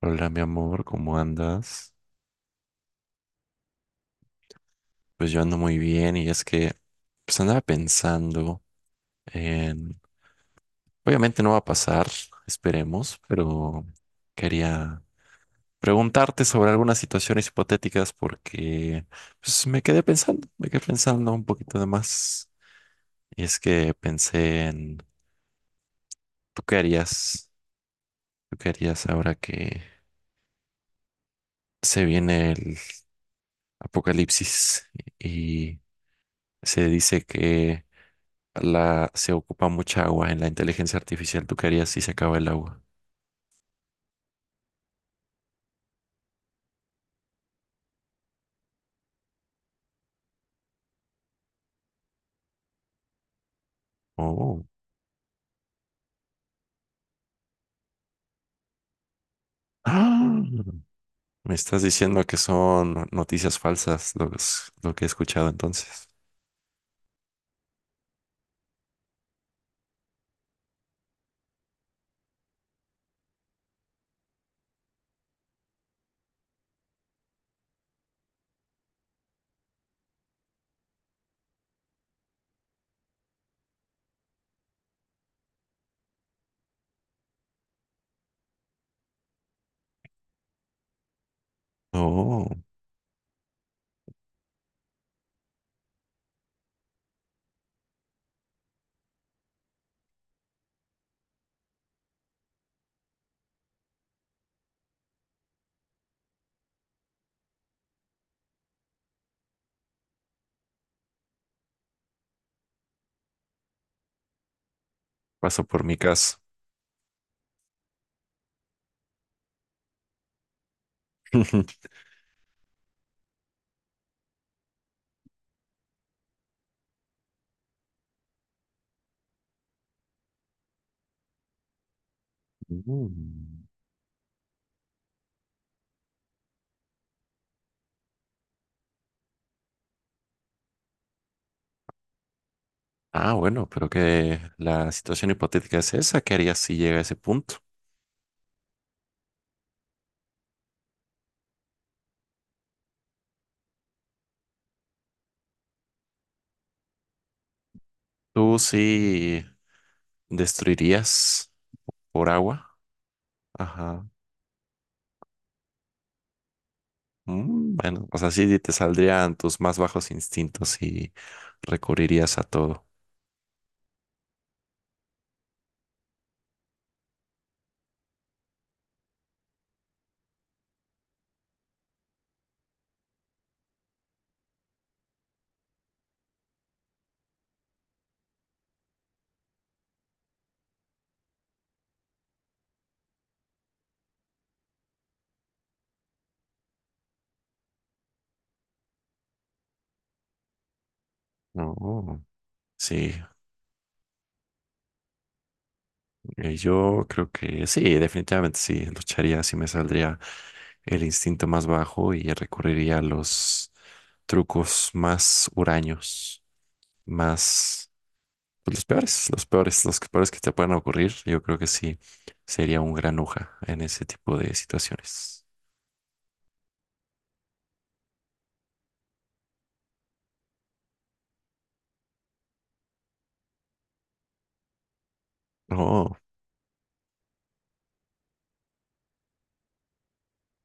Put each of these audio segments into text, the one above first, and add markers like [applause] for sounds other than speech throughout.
Hola, mi amor, ¿cómo andas? Pues yo ando muy bien y es que pues andaba pensando en... Obviamente no va a pasar, esperemos, pero quería preguntarte sobre algunas situaciones hipotéticas porque pues me quedé pensando un poquito de más. Y es que ¿tú qué harías? ¿Tú qué harías ahora que se viene el apocalipsis y se dice que... se ocupa mucha agua en la inteligencia artificial. ¿Tú qué harías si se acaba el agua? Oh. ¡Ah! Me estás diciendo que son noticias falsas lo que he escuchado entonces. Oh, paso por mi caso. [laughs] Mm. Ah, bueno, pero que la situación hipotética es esa. ¿Qué harías si llega a ese punto? ¿Tú sí destruirías por agua? Ajá. Mm, bueno, o sea, sí te saldrían tus más bajos instintos y recurrirías a todo. No, sí, yo creo que sí, definitivamente sí, lucharía, sí me saldría el instinto más bajo y recurriría a los trucos más huraños, más, pues, los peores que te puedan ocurrir, yo creo que sí, sería un gran granuja en ese tipo de situaciones. Oh,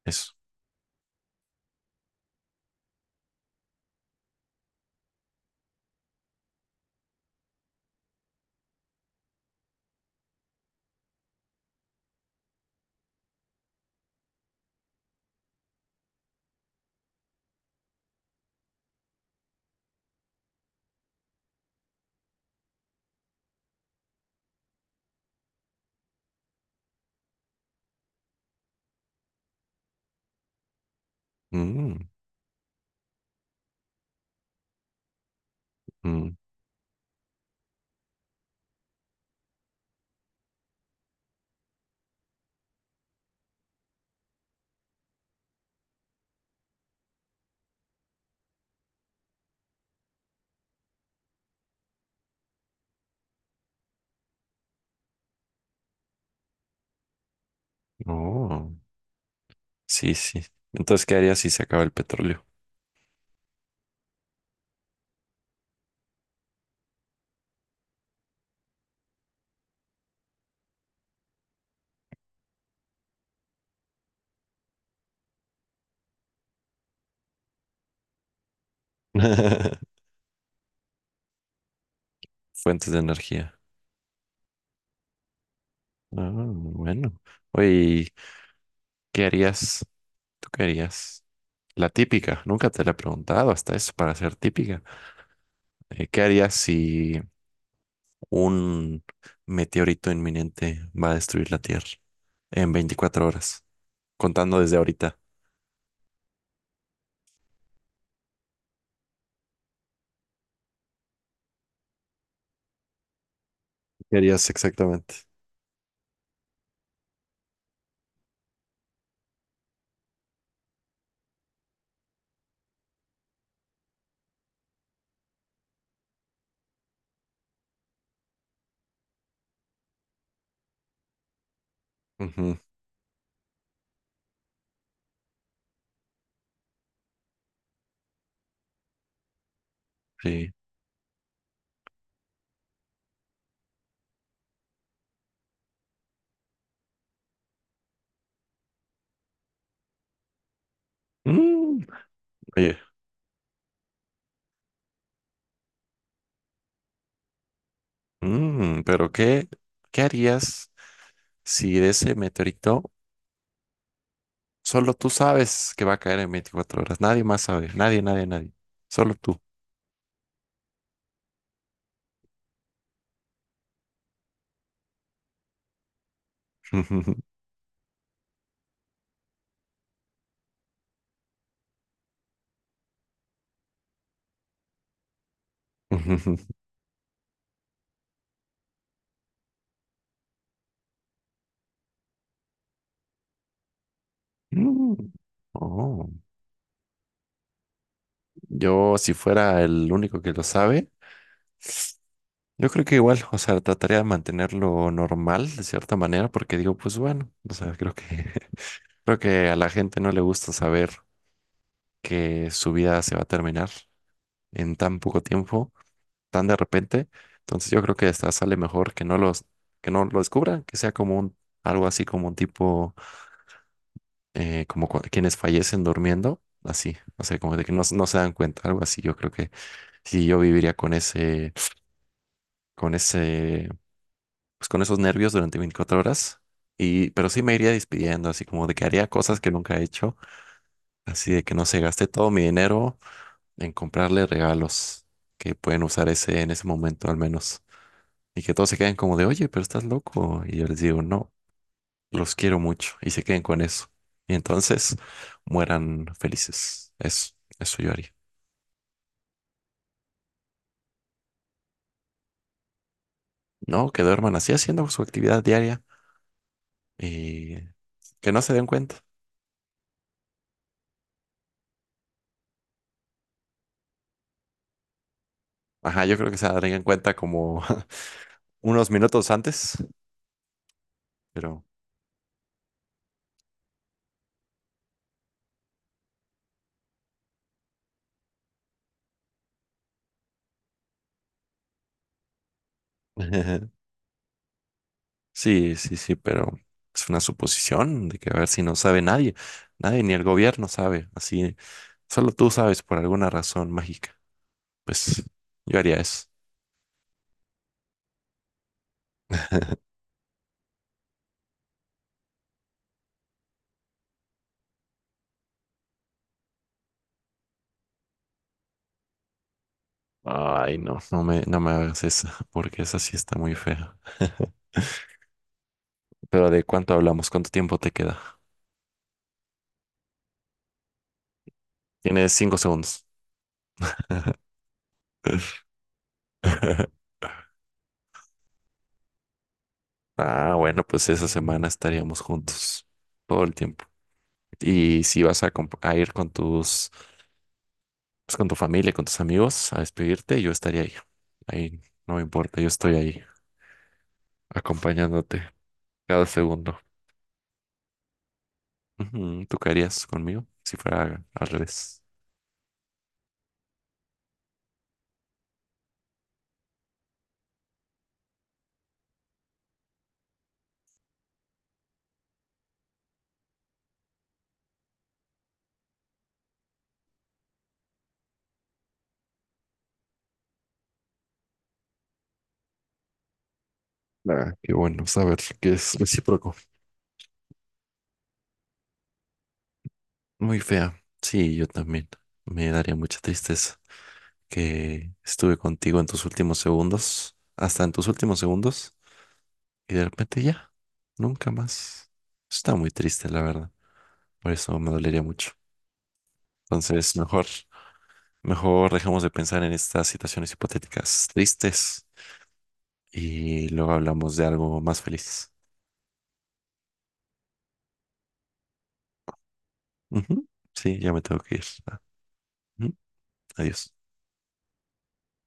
eso. Mm, mm, oh, sí, sí. Entonces, ¿qué harías si se acaba el petróleo? [laughs] Fuentes de energía. Ah, bueno. Oye, ¿y qué harías? ¿Tú qué harías? La típica, nunca te la he preguntado hasta eso para ser típica. ¿Qué harías si un meteorito inminente va a destruir la Tierra en 24 horas? Contando desde ahorita. ¿Qué harías exactamente? Ujú, sí. Mm, oye, pero ¿qué harías si de ese meteorito solo tú sabes que va a caer en 24 horas? Nadie más sabe, nadie. Solo tú. [laughs] [laughs] Oh, yo si fuera el único que lo sabe, yo creo que igual, o sea, trataría de mantenerlo normal de cierta manera, porque digo, pues bueno, o sea, creo que [laughs] creo que a la gente no le gusta saber que su vida se va a terminar en tan poco tiempo, tan de repente. Entonces yo creo que esta sale mejor que que no lo descubran, que sea como algo así como un tipo, como quienes fallecen durmiendo, así, o sea, como de que no se dan cuenta, algo así, yo creo que sí, yo viviría con con ese, pues con esos nervios durante 24 horas. Y, pero sí me iría despidiendo, así como de que haría cosas que nunca he hecho, así de que no se gasté todo mi dinero en comprarle regalos que pueden usar ese en ese momento al menos. Y que todos se queden como de, oye, pero estás loco. Y yo les digo, no, los quiero mucho. Y se queden con eso. Y entonces mueran felices. Eso yo haría. No, que duerman así haciendo su actividad diaria y que no se den cuenta. Ajá, yo creo que se darían cuenta como [laughs] unos minutos antes, pero [laughs] sí, pero es una suposición de que a ver si no sabe nadie, nadie ni el gobierno sabe, así, solo tú sabes por alguna razón mágica. Pues yo haría eso. Ay, no, no me hagas esa, [laughs] porque esa sí está muy fea. Pero ¿de cuánto hablamos? ¿Cuánto tiempo te queda? Tienes 5 segundos. [laughs] Ah, bueno, pues esa semana estaríamos juntos todo el tiempo. Y si a ir con pues, con tu familia, con tus amigos a despedirte, yo estaría ahí. Ahí no me importa, yo estoy ahí acompañándote cada segundo. Ujú. ¿Tú qué harías conmigo si fuera al revés? Ah, qué bueno saber que es recíproco. Muy fea. Sí, yo también. Me daría mucha tristeza que estuve contigo en tus últimos segundos, hasta en tus últimos segundos, y de repente ya, nunca más. Está muy triste, la verdad. Por eso me dolería mucho. Entonces, mejor dejemos de pensar en estas situaciones hipotéticas tristes y luego hablamos de algo más feliz. Ujú. Sí, ya me tengo que ir. Ah, ujú. Adiós.